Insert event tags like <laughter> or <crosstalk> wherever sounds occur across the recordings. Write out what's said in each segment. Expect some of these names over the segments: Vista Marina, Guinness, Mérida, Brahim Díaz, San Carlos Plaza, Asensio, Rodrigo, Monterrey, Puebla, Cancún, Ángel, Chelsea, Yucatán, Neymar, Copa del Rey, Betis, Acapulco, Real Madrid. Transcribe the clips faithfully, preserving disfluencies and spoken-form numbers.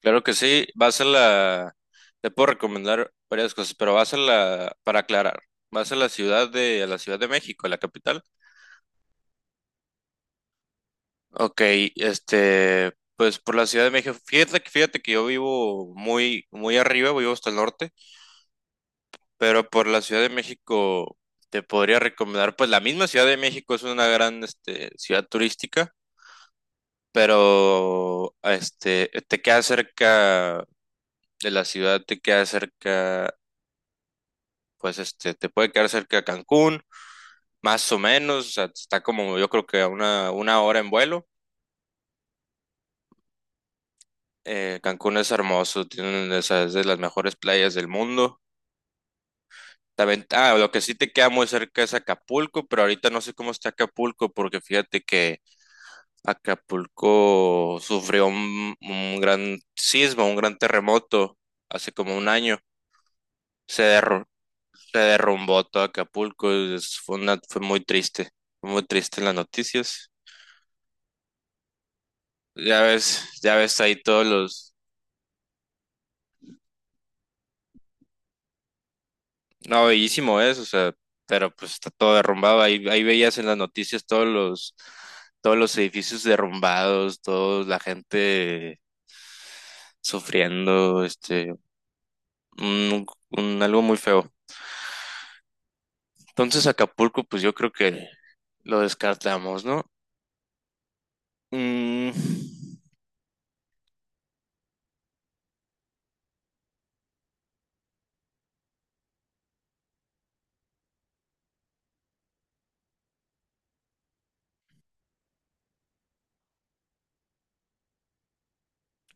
Claro que sí, vas a la, te puedo recomendar varias cosas, pero vas a la, para aclarar, vas a la ciudad de, a la Ciudad de México, a la capital. Ok, este, pues por la Ciudad de México, fíjate, que- fíjate que yo vivo muy, muy arriba, vivo hasta el norte, pero por la Ciudad de México te podría recomendar, pues la misma Ciudad de México es una gran, este, ciudad turística, pero, este, te queda cerca de la ciudad, te queda cerca pues este, te puede quedar cerca de Cancún, más o menos, o sea, está como yo creo que a una, una hora en vuelo. Eh, Cancún es hermoso, tiene esas de las mejores playas del mundo. También, ah, lo que sí te queda muy cerca es Acapulco, pero ahorita no sé cómo está Acapulco, porque fíjate que Acapulco sufrió un, un gran sismo, un gran terremoto hace como un año. Se derru- se derrumbó todo Acapulco, es- fue, una- fue muy triste, muy triste en las noticias. Ya ves, ya ves ahí todos los... No, bellísimo es, o sea, pero pues está todo derrumbado. Ahí, ahí veías en las noticias todos los, todos los edificios derrumbados, toda la gente sufriendo, este, un, un- algo muy feo. Entonces Acapulco, pues yo creo que lo descartamos, ¿no? Mm,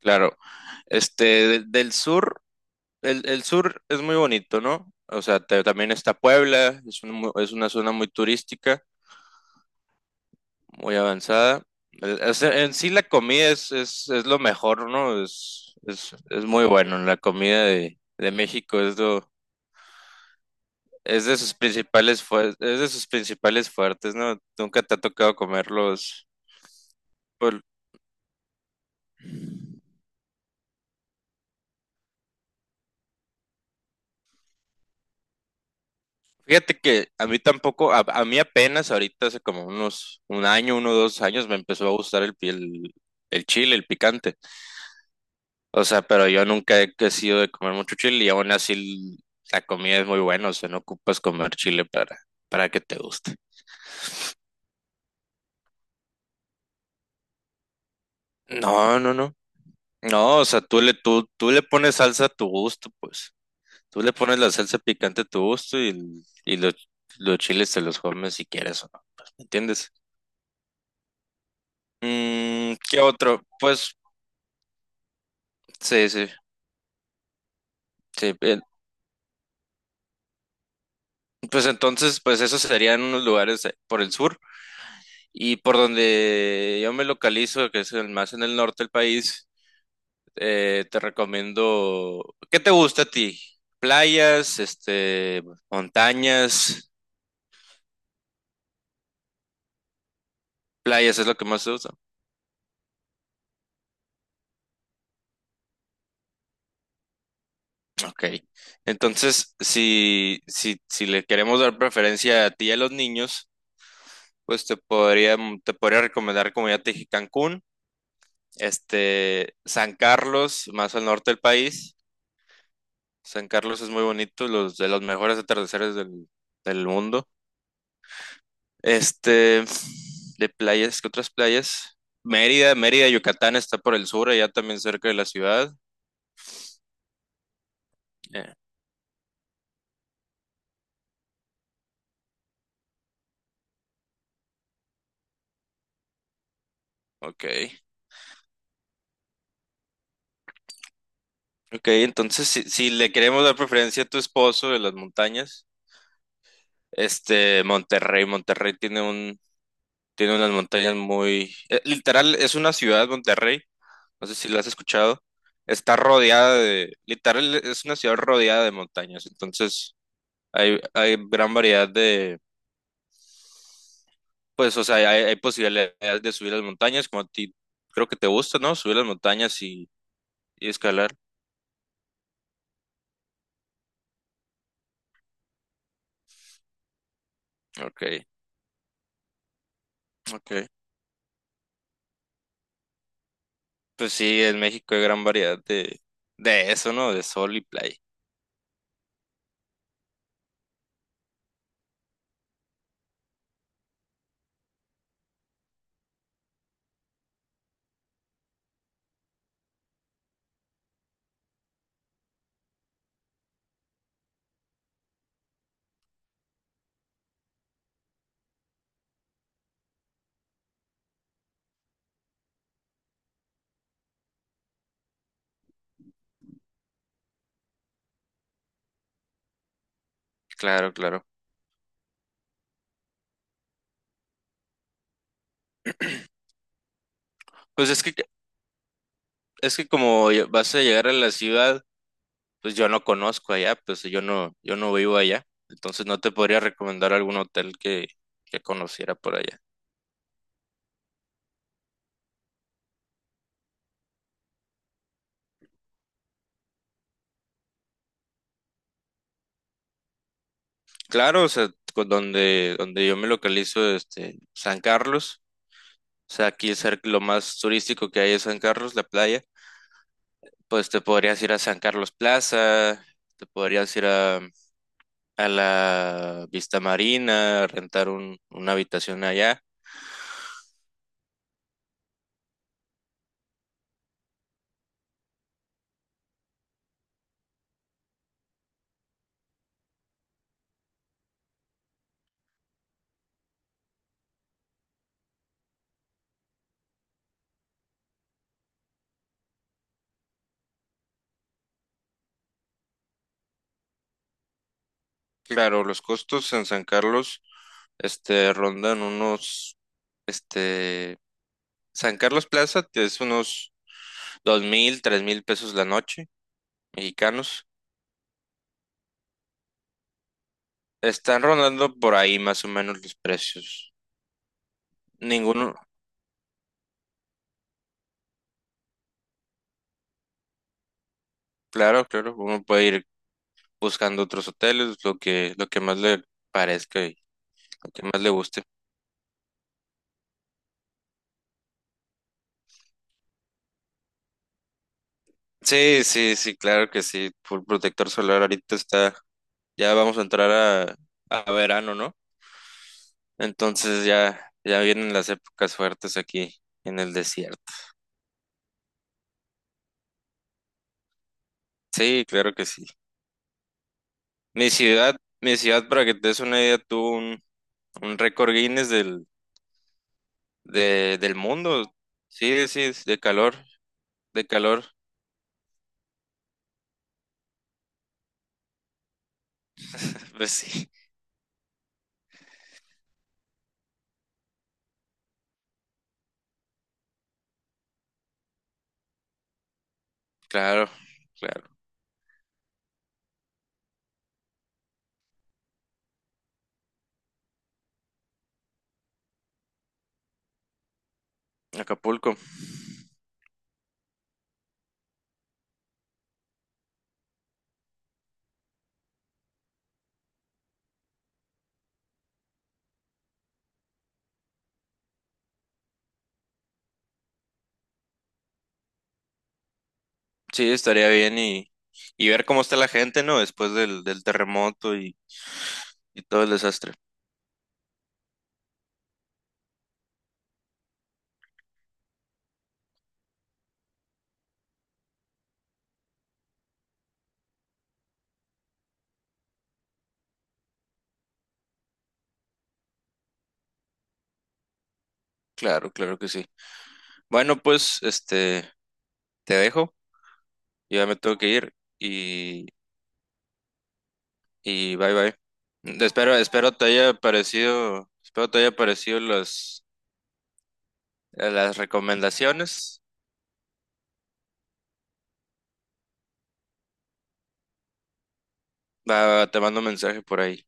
claro, este, de- del sur, el, el sur es muy bonito, ¿no? O sea, te- también está Puebla, es un mu- es una zona muy turística. Muy avanzada. Eh, es- en sí la comida es, es, es lo mejor, ¿no? Es, es, es muy bueno. La comida de, de México es lo, es de sus principales fuer- es de sus principales fuertes, ¿no? Nunca te ha tocado comerlos. Pues, fíjate que a mí tampoco, a, a mí apenas ahorita hace como unos, un año, uno o dos años me empezó a gustar el, pi- el, el chile, el picante. O sea, pero yo nunca he que sido de comer mucho chile y aún así la comida es muy buena, o sea, no ocupas comer chile para, para que te guste. No, no, no. No, o sea, tú le, tú, tú le pones salsa a tu gusto, pues. Tú le pones la salsa picante a tu gusto y, y los, los chiles te los comes si quieres o no, ¿entiendes? Mm, ¿qué otro? Pues, sí, sí, sí. El- pues entonces, pues esos serían unos lugares eh, por el sur y por donde yo me localizo, que es el más en el norte del país. Eh, te recomiendo. ¿Qué te gusta a ti? Playas, este, montañas. Playas es lo que más te gusta. Ok. Entonces, si, si, si le queremos dar preferencia a ti y a los niños, pues te podría, te podría recomendar, como ya te dije, Cancún, este, San Carlos, más al norte del país. San Carlos es muy bonito, los de los mejores atardeceres del, del mundo. Este, de playas, ¿qué otras playas? Mérida, Mérida, Yucatán está por el sur, allá también cerca de la ciudad. Eh, ok, ok, entonces si, si le queremos dar preferencia a tu esposo de las montañas, este, Monterrey, Monterrey tiene un, tiene unas montañas muy, eh, literal, es una ciudad, Monterrey, no sé si la has escuchado, está rodeada de, literal, es una ciudad rodeada de montañas, entonces hay, hay gran variedad. Pues, o sea, hay, hay posibilidades de subir las montañas, como a ti creo que te gusta, ¿no? Subir las montañas y, y escalar. Ok, ok. Pues sí, en México hay gran variedad de, de eso, ¿no? De sol y playa. Claro, claro. Pues es que, es que como ya vas a llegar a la ciudad, pues yo no conozco allá, pues yo no, yo no vivo allá. Entonces no te podría recomendar algún hotel que, que conociera por allá. Claro, o sea, con- donde, donde yo me localizo, este, San Carlos. O sea, aquí cerca- lo más turístico que hay es San Carlos, la playa. Pues te podrías ir a San Carlos Plaza, te podrías ir a, a la Vista Marina, a rentar un- una habitación allá. Claro, los costos en San Carlos, este, rondan unos, este, San Carlos Plaza te es unos dos mil, tres mil pesos la noche, mexicanos. Están rondando por ahí más o menos los precios. Ninguno, claro, claro, uno puede ir buscando otros hoteles, lo que, lo que más le parezca y lo que más le guste. Sí, sí, sí, claro que sí. Full protector solar ahorita está, ya vamos a entrar a, a verano, ¿no? Entonces ya, ya vienen las épocas fuertes aquí en el desierto. Sí, claro que sí. Mi ciudad, mi ciudad, para que te des una idea, tuvo un, un récord Guinness del, de- del mundo. Sí, sí, es de calor, de calor. <laughs> Pues sí, claro, claro. Acapulco. Sí, estaría bien y, y ver cómo está la gente, ¿no? Después del, del terremoto y, y todo el desastre. Claro, claro que sí. Bueno, pues, este, te dejo, ya me tengo que ir y, y, bye bye. Espero, espero te haya parecido, espero te haya parecido las, las recomendaciones. Va, te mando un mensaje por ahí.